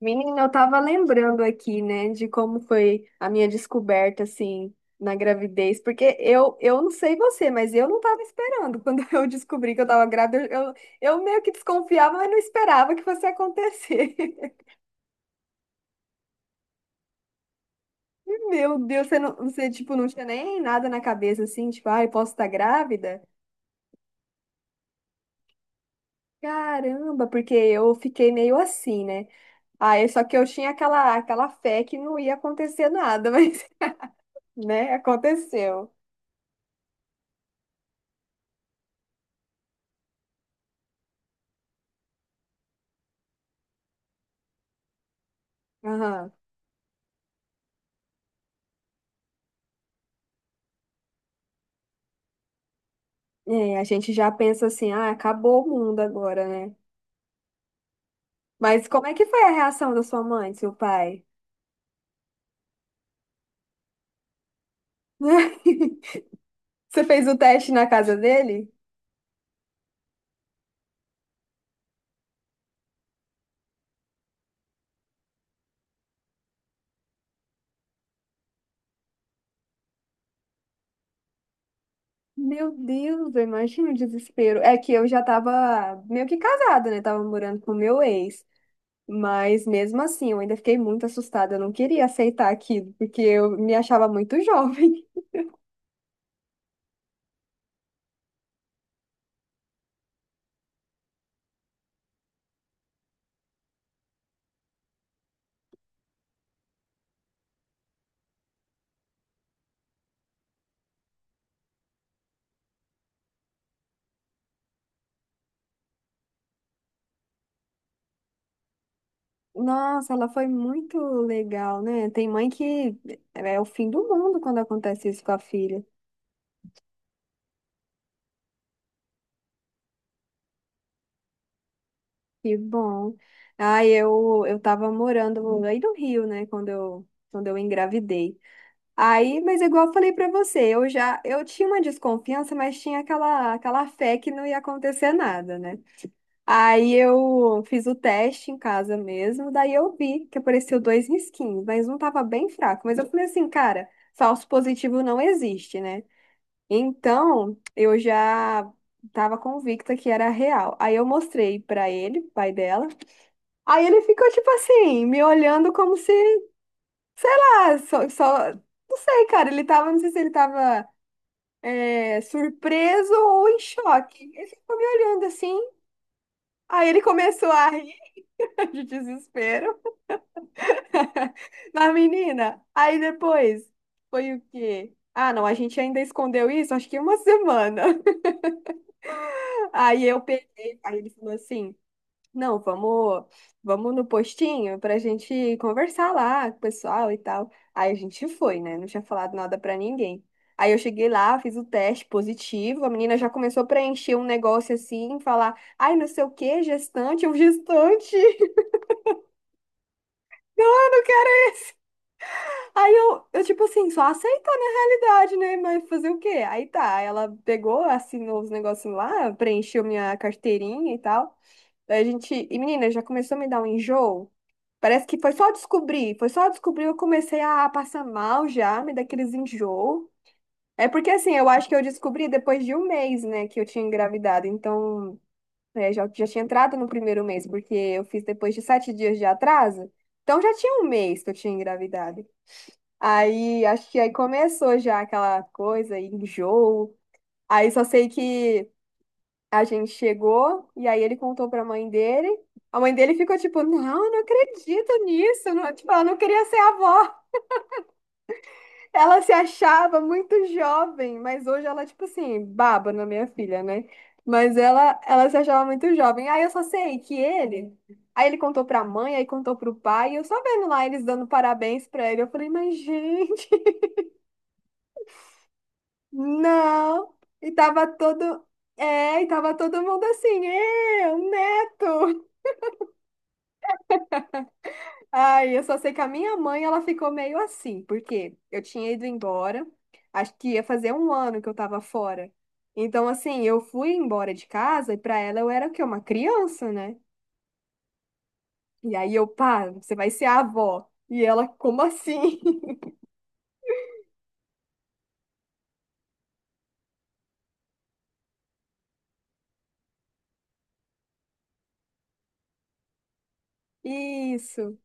Menina, eu tava lembrando aqui, né, de como foi a minha descoberta, assim, na gravidez, porque eu não sei você, mas eu não tava esperando. Quando eu descobri que eu tava grávida, eu meio que desconfiava, mas não esperava que fosse acontecer. Meu Deus, você, não, você, tipo, não tinha nem nada na cabeça, assim, tipo, ai, posso estar grávida? Caramba, porque eu fiquei meio assim, né? Aí, só que eu tinha aquela fé que não ia acontecer nada, mas, né, aconteceu. Aham. É, a gente já pensa assim, ah, acabou o mundo agora, né? Mas como é que foi a reação da sua mãe, do seu pai? Você fez o teste na casa dele? Meu Deus, eu imagino o desespero. É que eu já tava meio que casada, né? Tava morando com o meu ex. Mas mesmo assim, eu ainda fiquei muito assustada. Eu não queria aceitar aquilo, porque eu me achava muito jovem. Nossa, ela foi muito legal, né? Tem mãe que é o fim do mundo quando acontece isso com a filha. Que bom. Ai, eu tava morando aí no Rio, né, quando quando eu engravidei. Aí, mas igual eu falei pra você, eu já, eu tinha uma desconfiança, mas tinha aquela fé que não ia acontecer nada, né? Aí eu fiz o teste em casa mesmo, daí eu vi que apareceu dois risquinhos, mas um tava bem fraco. Mas eu falei assim, cara, falso positivo não existe, né? Então, eu já tava convicta que era real. Aí eu mostrei pra ele, pai dela. Aí ele ficou, tipo assim, me olhando como se, ah, só, não sei, cara, ele tava, não sei se ele tava é, surpreso ou em choque. Ele ficou me olhando assim, aí ele começou a rir de desespero da menina. Aí depois, foi o quê? Ah, não, a gente ainda escondeu isso, acho que uma semana. Aí eu peguei, aí ele falou assim, não, vamos, vamos no postinho pra gente conversar lá com o pessoal e tal. Aí a gente foi, né? Não tinha falado nada pra ninguém. Aí eu cheguei lá, fiz o teste positivo, a menina já começou a preencher um negócio assim, falar, ai, não sei o quê, gestante, é um gestante. Não, eu não quero. Aí tipo assim, só aceitar na realidade, né? Mas fazer o quê? Aí tá, ela pegou, assinou os negócios lá, preencheu minha carteirinha e tal. Daí a gente. E menina, já começou a me dar um enjoo. Parece que foi só descobrir. Foi só descobrir, eu comecei a passar mal já, me dar aqueles enjoo. É porque assim, eu acho que eu descobri depois de um mês, né, que eu tinha engravidado. Então, é, já tinha entrado no primeiro mês, porque eu fiz depois de sete dias de atraso. Então já tinha um mês que eu tinha engravidado. Aí, acho que aí começou já aquela coisa, enjoo. Aí só sei que a gente chegou e aí ele contou pra mãe dele. A mãe dele ficou tipo, não, eu não acredito nisso. Não, tipo, ela não queria ser avó. Ela se achava muito jovem, mas hoje ela, tipo assim, baba na minha filha, né? Mas ela se achava muito jovem. Aí eu só sei que ele. Aí ele contou pra mãe, aí contou pro pai, e eu só vendo lá eles dando parabéns pra ele. Eu falei, mas gente, não. E tava todo. É, e tava todo mundo assim, eu neto! Ai, eu só sei que a minha mãe, ela ficou meio assim, porque eu tinha ido embora, acho que ia fazer um ano que eu tava fora. Então, assim, eu fui embora de casa e pra ela eu era o quê? Uma criança, né? E aí eu, pá, você vai ser a avó. E ela, como assim? Isso.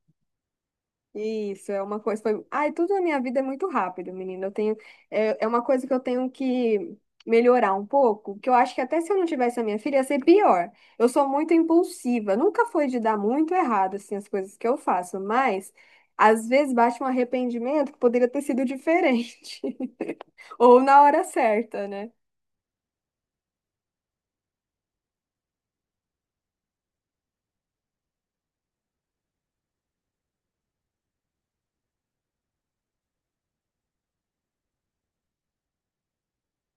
Isso, é uma coisa. Foi... Ai, tudo na minha vida é muito rápido, menina. Eu tenho... É, é uma coisa que eu tenho que melhorar um pouco, que eu acho que até se eu não tivesse a minha filha, ia ser pior. Eu sou muito impulsiva. Nunca foi de dar muito errado, assim, as coisas que eu faço, mas às vezes bate um arrependimento que poderia ter sido diferente. Ou na hora certa, né?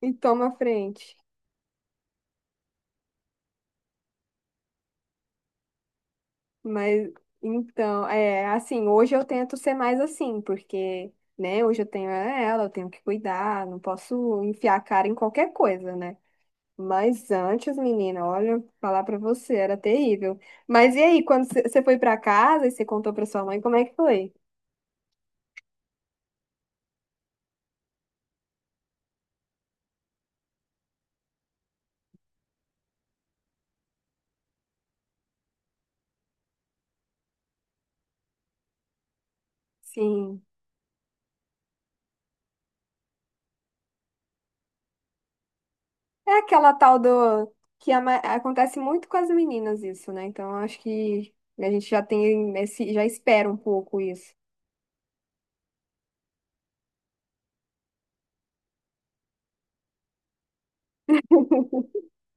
E toma a frente. Mas então, é assim, hoje eu tento ser mais assim, porque, né, hoje eu tenho ela, eu tenho que cuidar, não posso enfiar a cara em qualquer coisa, né? Mas antes, menina, olha, falar pra você, era terrível. Mas e aí, quando você foi pra casa e você contou pra sua mãe, como é que foi? Sim. É aquela tal do que a ma- acontece muito com as meninas isso, né? Então, eu acho que a gente já tem esse, já espera um pouco isso.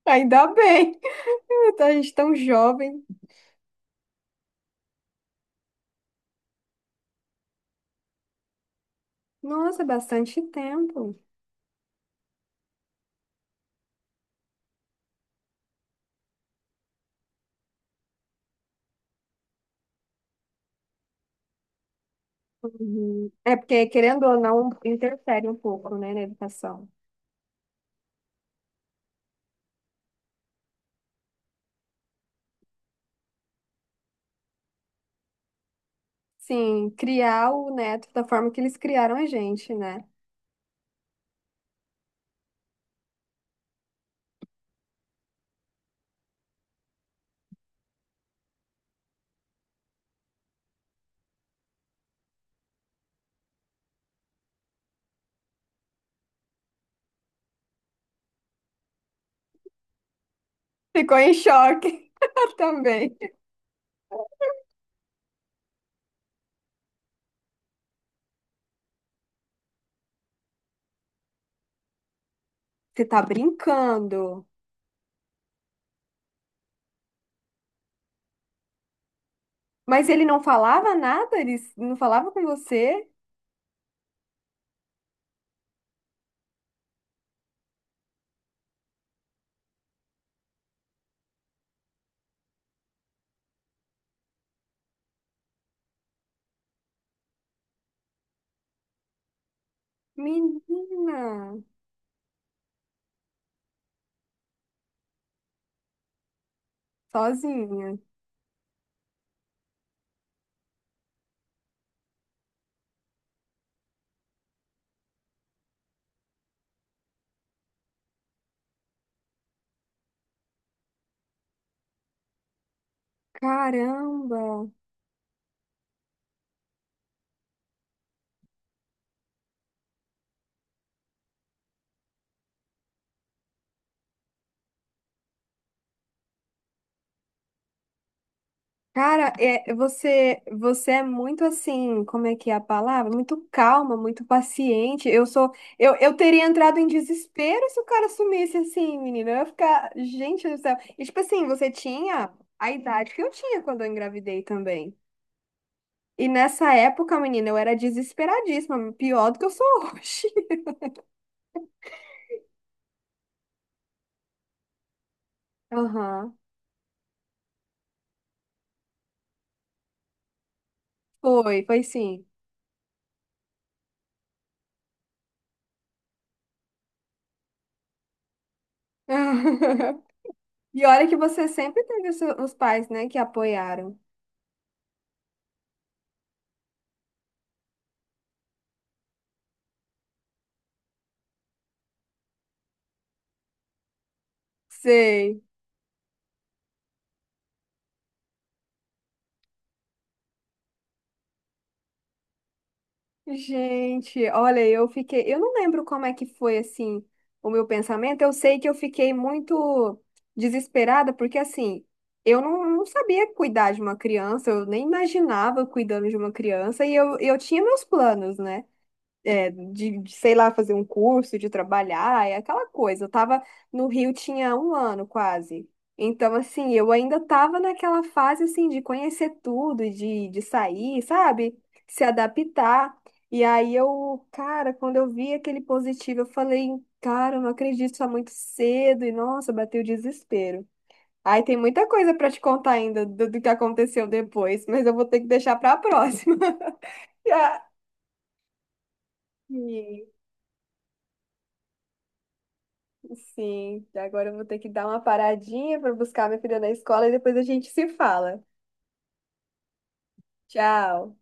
Ainda bem. A gente tão jovem. Nossa, é bastante tempo. Uhum. É porque, querendo ou não, interfere um pouco, né, na educação. Sim, criar o neto da forma que eles criaram a gente, né? Ficou em choque também. Você tá brincando. Mas ele não falava nada? Ele não falava com você? Menina, sozinha. Caramba. Cara, é, você é muito assim, como é que é a palavra? Muito calma, muito paciente. Eu sou, eu teria entrado em desespero se o cara sumisse assim, menina. Eu ia ficar, gente do céu. E tipo assim, você tinha a idade que eu tinha quando eu engravidei também. E nessa época, menina, eu era desesperadíssima, pior do que eu sou hoje. Aham. Foi sim. E olha que você sempre teve os seus- os pais, né, que apoiaram. Sei. Gente, olha, eu fiquei. Eu não lembro como é que foi assim o meu pensamento. Eu sei que eu fiquei muito desesperada, porque assim, eu não sabia cuidar de uma criança, eu nem imaginava cuidando de uma criança, e eu tinha meus planos, né? É, sei lá, fazer um curso, de trabalhar, é aquela coisa. Eu tava no Rio tinha um ano quase. Então, assim, eu ainda tava naquela fase, assim, de conhecer tudo, de sair, sabe? Se adaptar. E aí eu, cara, quando eu vi aquele positivo, eu falei, cara, eu não acredito, tá muito cedo. E, nossa, bateu o desespero. Aí tem muita coisa pra te contar ainda do que aconteceu depois, mas eu vou ter que deixar pra próxima. E a- Sim, agora eu vou ter que dar uma paradinha para buscar minha filha na escola e depois a gente se fala. Tchau.